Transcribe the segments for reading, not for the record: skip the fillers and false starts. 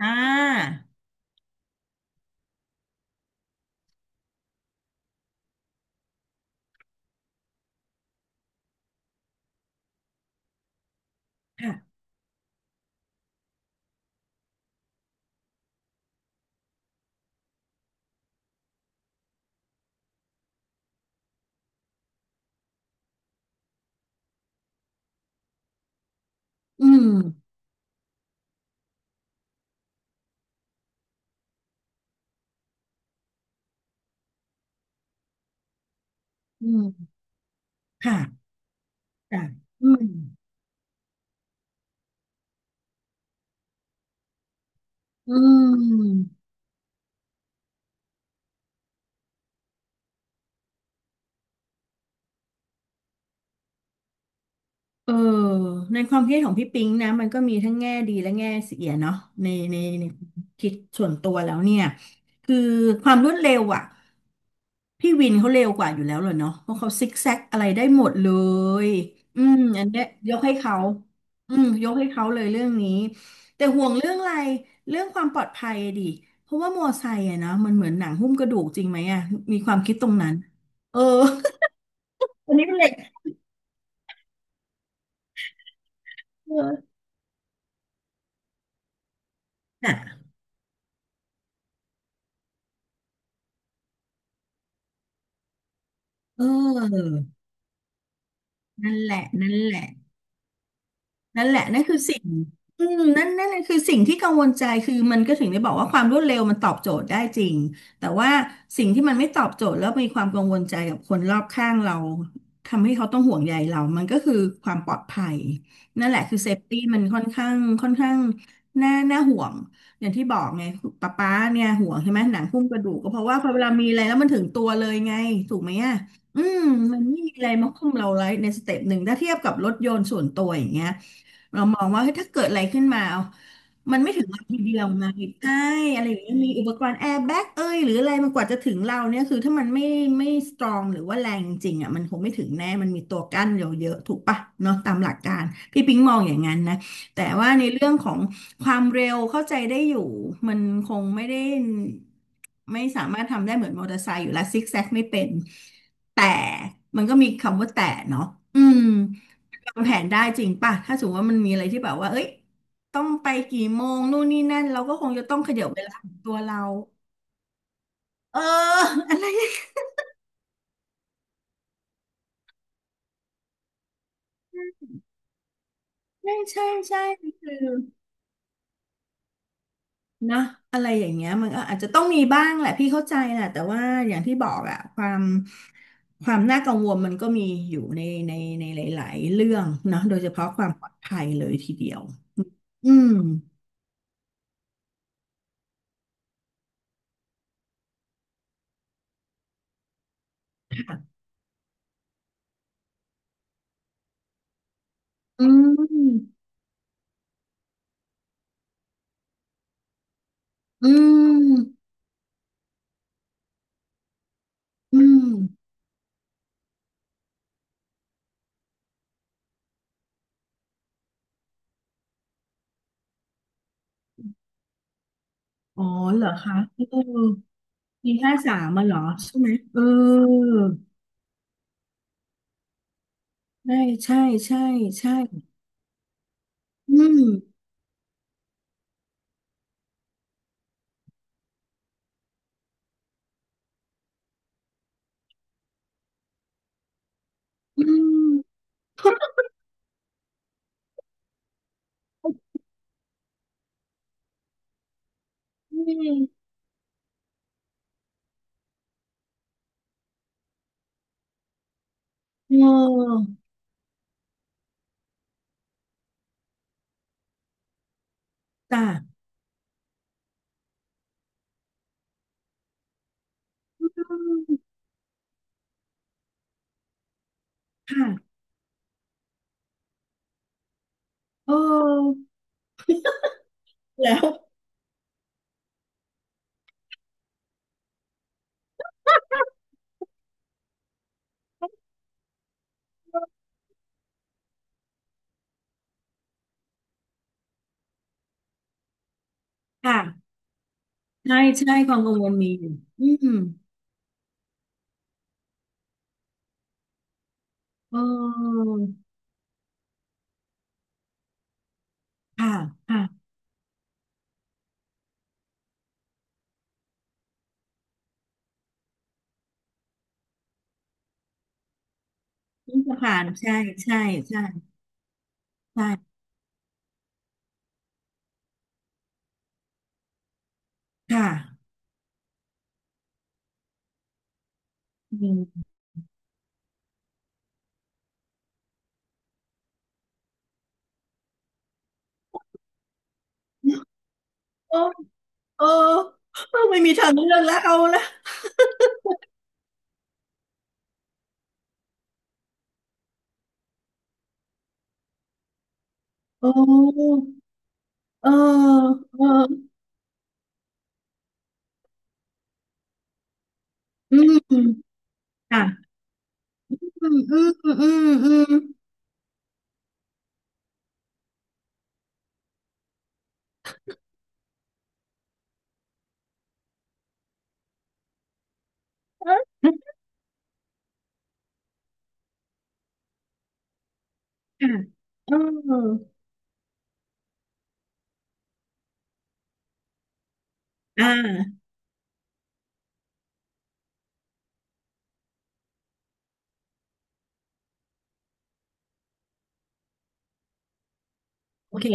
อ่าค่ะอืมอืมอืมอืม เออในความคิดของพี่ปิ๊งนะมันก็มีทั้งแง่ดีและแง่เสียเนาะในความคิดส่วนตัวแล้วเนี่ยคือความรวดเร็วอ่ะพี่วินเขาเร็วกว่าอยู่แล้วเลยเนาะเพราะเขาซิกแซกอะไรได้หมดเลยอืมอันเนี้ยยกให้เขาอืมยกให้เขาเลยเรื่องนี้แต่ห่วงเรื่องอะไรเรื่องความปลอดภัยดิเพราะว่ามอไซค์อะนะมันเหมือนหนังหุ้มกระดูกจริงไหมอะมีความคิดตรงนั้นเออ อันนี้เป็นเหล็กเออน่ะเออ นั่นแหละ นั่นแหละ นั่นแหละนั่นคือสิ่งอืมนั่นแหละคือสิ่งที่กังวลใจคือมันก็ถึงได้บอกว่าความรวดเร็วมันตอบโจทย์ได้จริงแต่ว่าสิ่งที่มันไม่ตอบโจทย์แล้วมีความกังวลใจกับคนรอบข้างเราทำให้เขาต้องห่วงใยเรามันก็คือความปลอดภัยนั่นแหละคือเซฟตี้มันค่อนข้างค่อนข้างน่าห่วงอย่างที่บอกไงป๊าเนี่ยห่วงใช่ไหมหนังหุ้มกระดูกก็เพราะว่าพอเวลามีอะไรแล้วมันถึงตัวเลยไงถูกไหมอ่ะอืมมันไม่มีอะไรมาหุ้มเราไว้ในสเต็ปหนึ่งถ้าเทียบกับรถยนต์ส่วนตัวอย่างเงี้ย เรามองว่าเฮ้ยถ้าเกิดอะไรขึ้นมาเอามันไม่ถึงวันทีเดียวไงใช่อะไรอย่างเงี้ยมีอุปกรณ์แอร์แบ็กเอ้ยหรืออะไรมันกว่าจะถึงเราเนี่ยคือถ้ามันไม่สตรองหรือว่าแรงจริงอ่ะมันคงไม่ถึงแน่มันมีตัวกั้นเยอะๆถูกปะเนาะตามหลักการพี่ปิ๊งมองอย่างนั้นนะแต่ว่าในเรื่องของความเร็วเข้าใจได้อยู่มันคงไม่ได้ไม่สามารถทำได้เหมือนมอเตอร์ไซค์อยู่แล้วซิกแซกไม่เป็นแต่มันก็มีคำว่าแต่เนาะอืม ทำแผนได้จริงป่ะถ้าสมมติว่ามันมีอะไรที่แบบว่าเอ้ยต้องไปกี่โมงนู่นนี่นั่นเราก็คงจะต้องขยับเวลาของตัวเราเออ อะไรใช่ใช่ใช่คือนะอะไรอย่างเงี้ยมันก็อาจจะต้องมีบ้างแหละพี่เข้าใจแหละแต่ว่าอย่างที่บอกอะความความน่ากังวลมันก็มีอยู่ในในหลายๆเรื่องเนอะโดยเฉพาะความปลอดภัยเลยทีเดียวอืมค่ะอืมอืมอืมอ๋อเหรอคะเออ ปี 53มาเหรอใช่ไหมเออใช่ใช่ใช่ใช่อืมอืมอืมเออจ้ะอืมค่ะเออแล้วค่ะใช่ใช่ความกังวลมีอยู่อืมเออค่ะค่ะนี่จะผ่านใช่ใช่ใช่ใช่ค่ะอืมโอ้เออเออไม่มีทางเลือกแล้วเอาละโอ้เออเอออืมค่ะ อืมอืมอืมอืมค่ะเอออ่าโอเค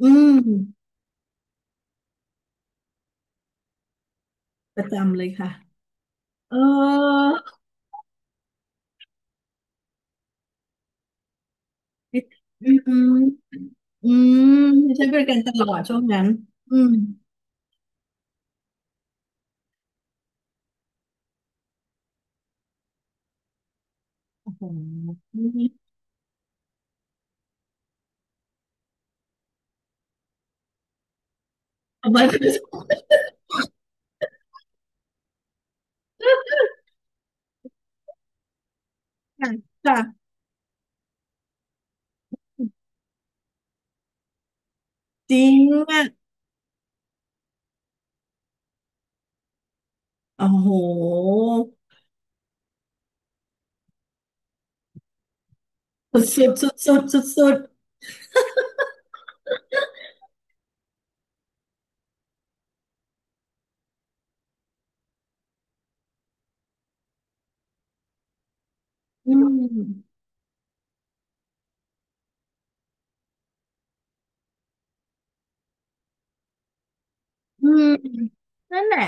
อืมประจำเลยค่ะเอออืมอืมใช้บริการตลอดช่วงนั้นอืมโอ้โหเอาไว้ค่ะค่ะจริงอ่ะโอ้โหสุดสุดสุดสุดสุดสุดๆอืมอืมนั่นแหละ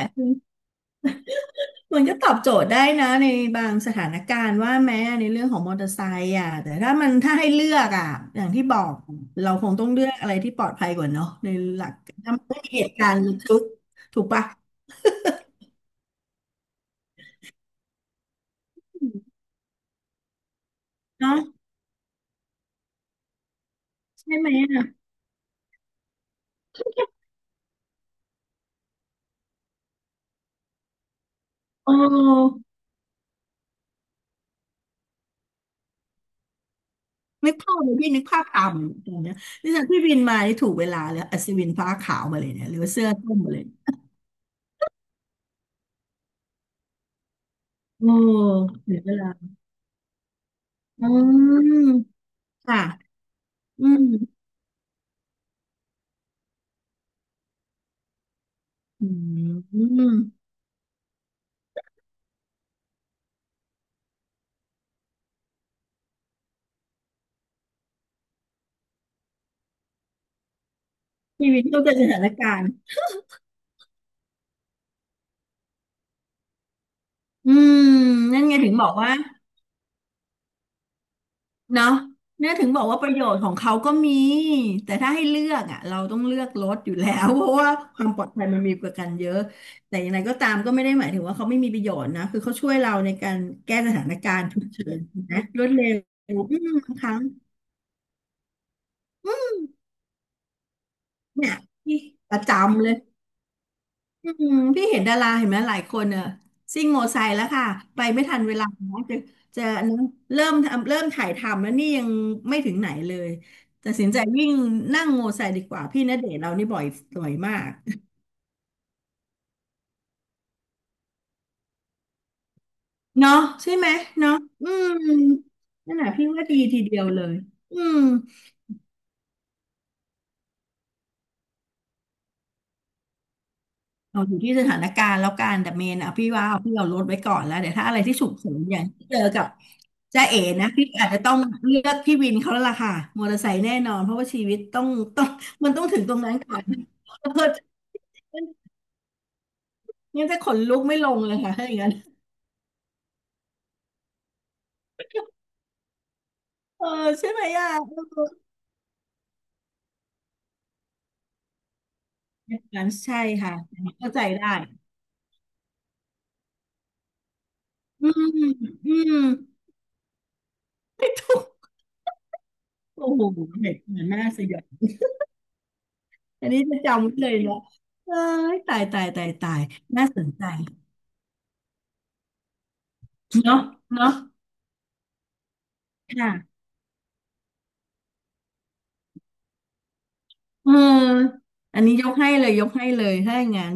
มันก็ตอบโจทย์ได้นะในบางสถานการณ์ว่าแม้ในเรื่องของมอเตอร์ไซค์อ่ะแต่ถ้าให้เลือกอ่ะอย่างที่บอกเราคงต้องเลือกอะไรที่ปลอดภัยกว่าเนาะในหลักถ้ามันไม่มีเหตุการณ์ระทึกถูกปะเนาะใช่ไหมอ่ะโอ้นึกภาพเลยพี่นึกภาพตามเหมือนกันนะนี่จากพี่บินมานี่ถูกเวลาเลยอัศวินฟ้าขาวมาเลยเนี่ยหรือว่าเสื้อส้มมาเลยโอ้ถึงเวลาอืมค่ะอืมอืมพี่วินเข้าใจสถานการณ์ อืมนั่นไงถึงบอกว่าเนาะเนี่ยถึงบอกว่าประโยชน์ของเขาก็มีแต่ถ้าให้เลือกอ่ะเราต้องเลือกรถอยู่แล้ว เพราะว่าความปลอดภัยมันมีประกันเยอะแต่อย่างไรก็ตามก็ไม่ได้หมายถึงว่าเขาไม่มีประโยชน์นะคือเขาช่วยเราในการแก้สถานการณ์ฉุกเฉินนะรวดเร็วอืมบางครั้งเนี่ยที่ประจำเลย อืมพี่เห็นดาราเห็นไหมหลายคนเนอะซิ่งโมอไซค์แล้วค่ะไปไม่ทันเวลานะจะจะอันนั้นเริ่มทำเริ่มถ่ายทำแล้วนี่ยังไม่ถึงไหนเลยตัดสินใจวิ่งนั่งโมอไซค์ดีกว่าพี่ณเดชน์เรานี่บ่อยบ่อยมากเนาะใช่ไหมเนาะอืมนั่นแหละพี่ว่าดีทีเดียวเลยอืม เราอยู่ที่สถานการณ์แล้วกันแต่เมนอ่ะพี่ว่าพี่เอารถไว้ก่อนแล้วเดี๋ยวถ้าอะไรที่ฉุกเฉินอย่างที่เจอกับจ้าเอ๋นะพี่อาจจะต้องเลือกพี่วินเขาแล้วล่ะค่ะมอเตอร์ไซค์แน่นอนเพราะว่าชีวิตต้องมันต้องถึงตรงนั้นก่อน เพอยังจะขนลุกไม่ลงเลยค่ะถ้าอย่างนั้นเออใช่ไหมอ่ะเอออย่างนั้นใช่ค่ะเข้าใจได้อืมอืมไม่ถูกโอ้โหเหตุการณ์น่าสยดอันนี้จะจำไว้เลยเนาะเอ้ยตายตายตายตายน่าสนใจเนาะเนาะ ค่ะเอออันนี้ยกให้เลยยกให้เลยถ้าอย่างนั้น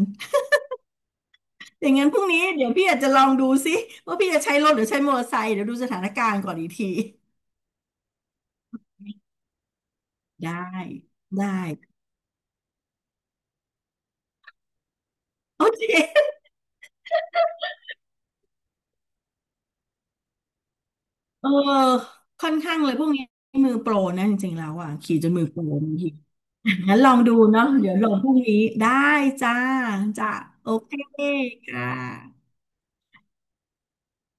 อย่างงั้นพรุ่งนี้เดี๋ยวพี่อาจจะลองดูซิว่าพี่จะใช้รถหรือใช้มอเตอร์ไซค์เดี๋ยวดูสถานการณ์ก่อนอีกทีได้ได้โอเคเออค่อนข้างเลยพวกนี้มือโปรนะจริงๆแล้วอ่ะขี่จนมือโปรบางทีงั้นลองดูเนาะเดี๋ยวลองพรุ่งนี้ได้จ้าจ้าโอเคค่ะ